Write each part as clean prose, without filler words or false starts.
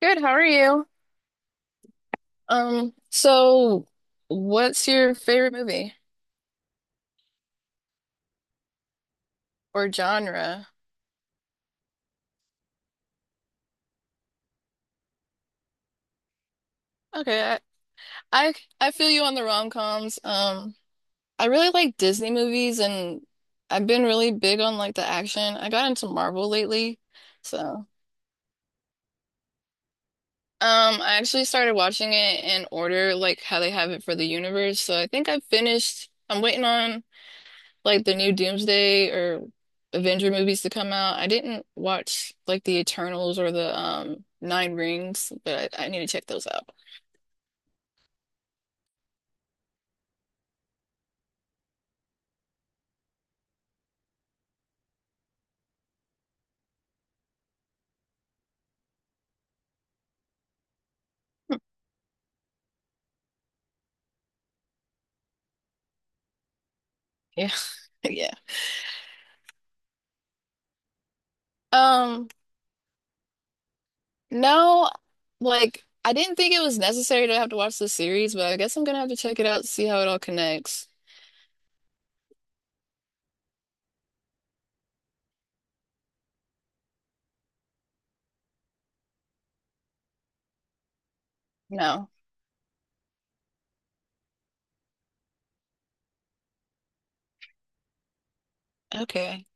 Good, how are you? So what's your favorite movie or genre? Okay, I, I feel you on the rom-coms. I really like Disney movies and I've been really big on like the action. I got into Marvel lately. So, um, I actually started watching it in order like how they have it for the universe. So I think I've finished. I'm waiting on like the new Doomsday or Avenger movies to come out. I didn't watch like the Eternals or the Nine Rings, but I need to check those out. Yeah. Yeah. Um, no, like I didn't think it was necessary to have to watch the series, but I guess I'm gonna have to check it out to see how it all connects. No. Okay.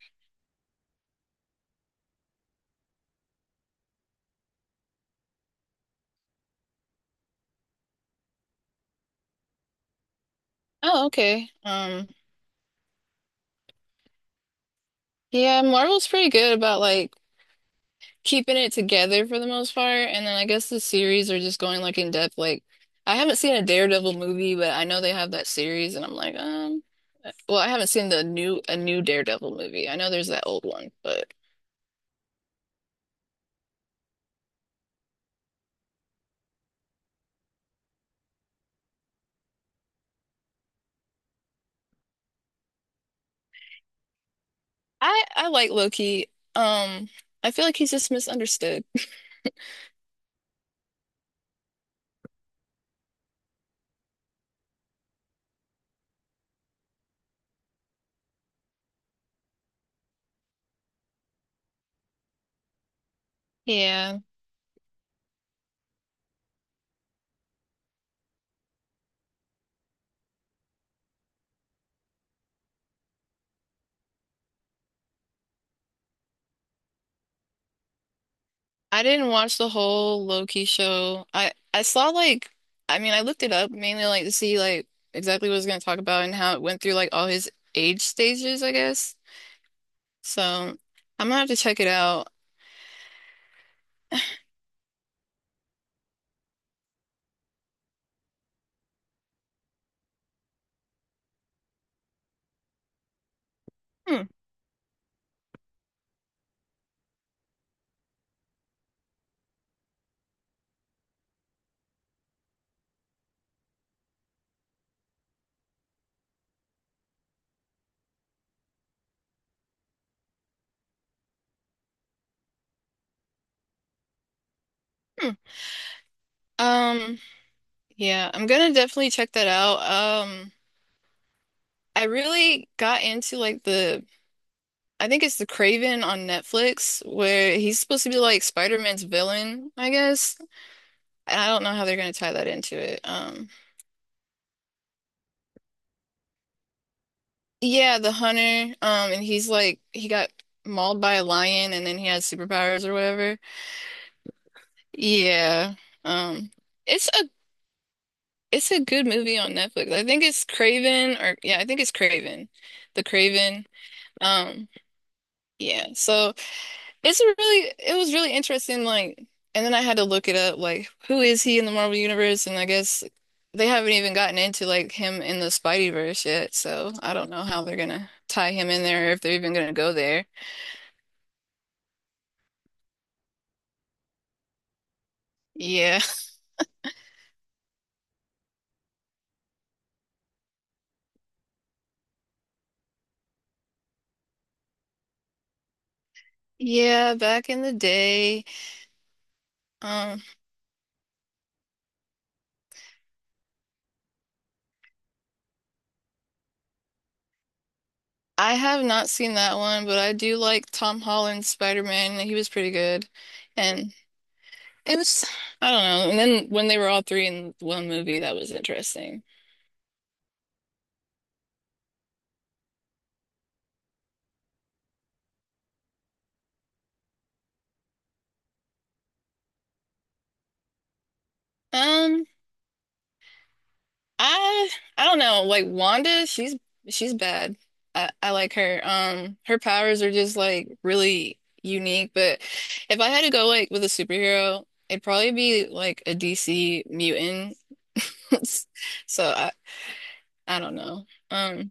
Oh, okay. Yeah, Marvel's pretty good about like keeping it together for the most part. And then I guess the series are just going like in depth. Like I haven't seen a Daredevil movie, but I know they have that series, and I'm like, well, I haven't seen the new a new Daredevil movie. I know there's that old one, but I like Loki. Um, I feel like he's just misunderstood. Yeah, I didn't watch the whole Loki show. I saw like I mean I looked it up mainly like to see like exactly what it was going to talk about and how it went through like all his age stages, I guess. So I'm gonna have to check it out. Hmm. Hmm. Um, yeah, I'm gonna definitely check that out. Um, I really got into like the I think it's the Craven on Netflix where he's supposed to be like Spider-Man's villain, I guess. And I don't know how they're gonna tie that into it. Yeah, the hunter. And he's like he got mauled by a lion and then he has superpowers or whatever. Yeah. Um, it's a It's a good movie on Netflix. I think it's Craven or yeah, I think it's Craven. The Craven. Um, yeah. So it's a really it was really interesting, like and then I had to look it up, like who is he in the Marvel Universe? And I guess they haven't even gotten into like him in the Spideyverse yet, so I don't know how they're gonna tie him in there or if they're even gonna go there. Yeah. Yeah, back in the day. Um, I have not seen that one, but I do like Tom Holland's Spider-Man. He was pretty good. And it was, I don't know. And then when they were all three in one movie, that was interesting. Um, I I don't know. Like Wanda, she's bad. I like her. Her powers are just like really unique. But if I had to go like with a superhero, it'd probably be like a DC mutant. So I don't know. Um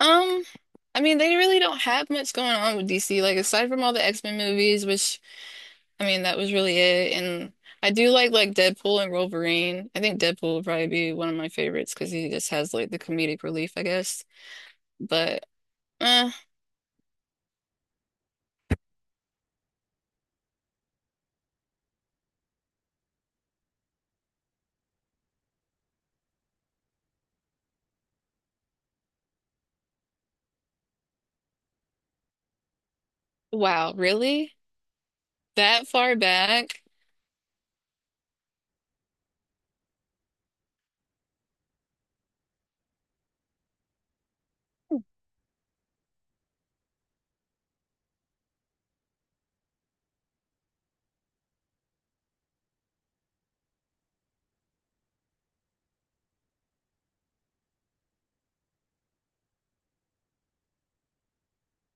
um. I mean, they really don't have much going on with DC, like aside from all the X-Men movies, which I mean, that was really it. And I do like Deadpool and Wolverine. I think Deadpool would probably be one of my favorites because he just has like the comedic relief, I guess. But eh, wow, really? That far back?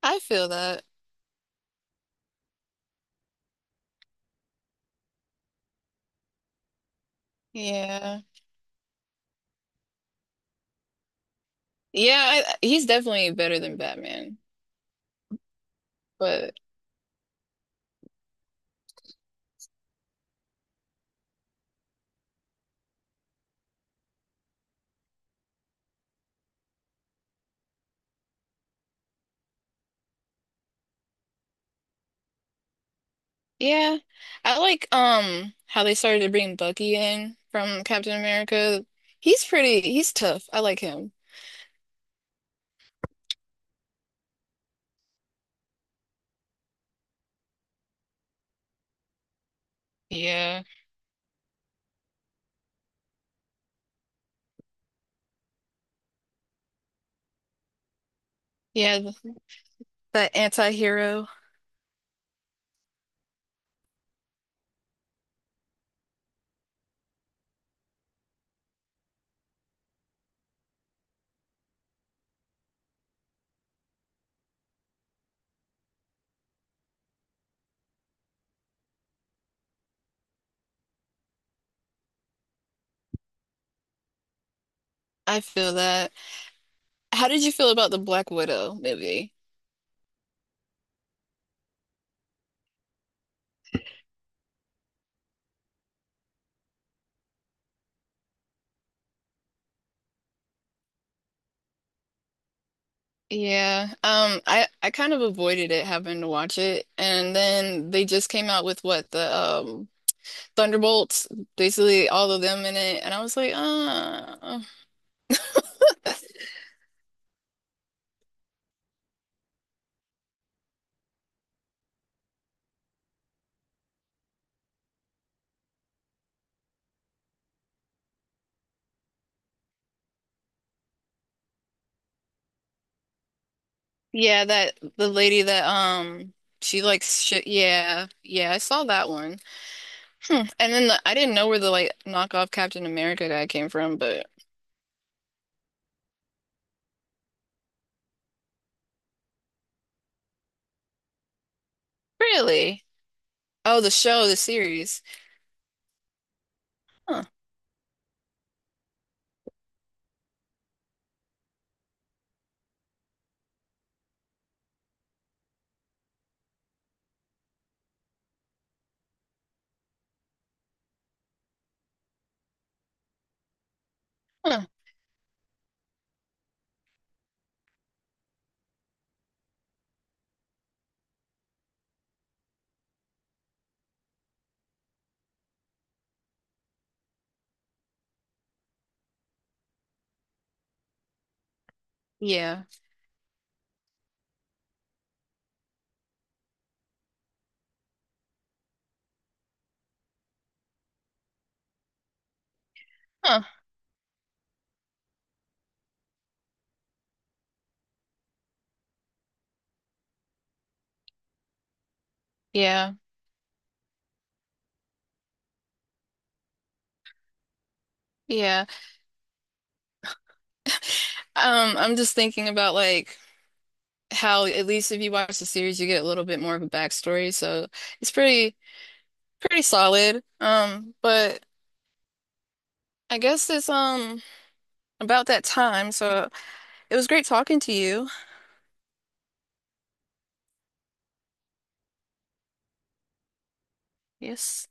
I feel that. Yeah. Yeah, I, he's definitely better than Batman. But yeah, I like how they started to bring Bucky in from Captain America. He's pretty, he's tough. I like him. Yeah. Yeah, th- that anti-hero. I feel that. How did you feel about the Black Widow movie? Yeah, I kind of avoided it having to watch it, and then they just came out with what the Thunderbolts, basically all of them in it, and I was like, yeah, that the lady that she likes shit, yeah, yeah, I saw that one, hmm. And then the, I didn't know where the like knockoff Captain America guy came from, but really, oh, the show, the series, huh, huh, yeah, huh, yeah. Yeah. I'm just thinking about like how at least if you watch the series, you get a little bit more of a backstory. So it's pretty solid. But I guess it's about that time. So it was great talking to you. Yes.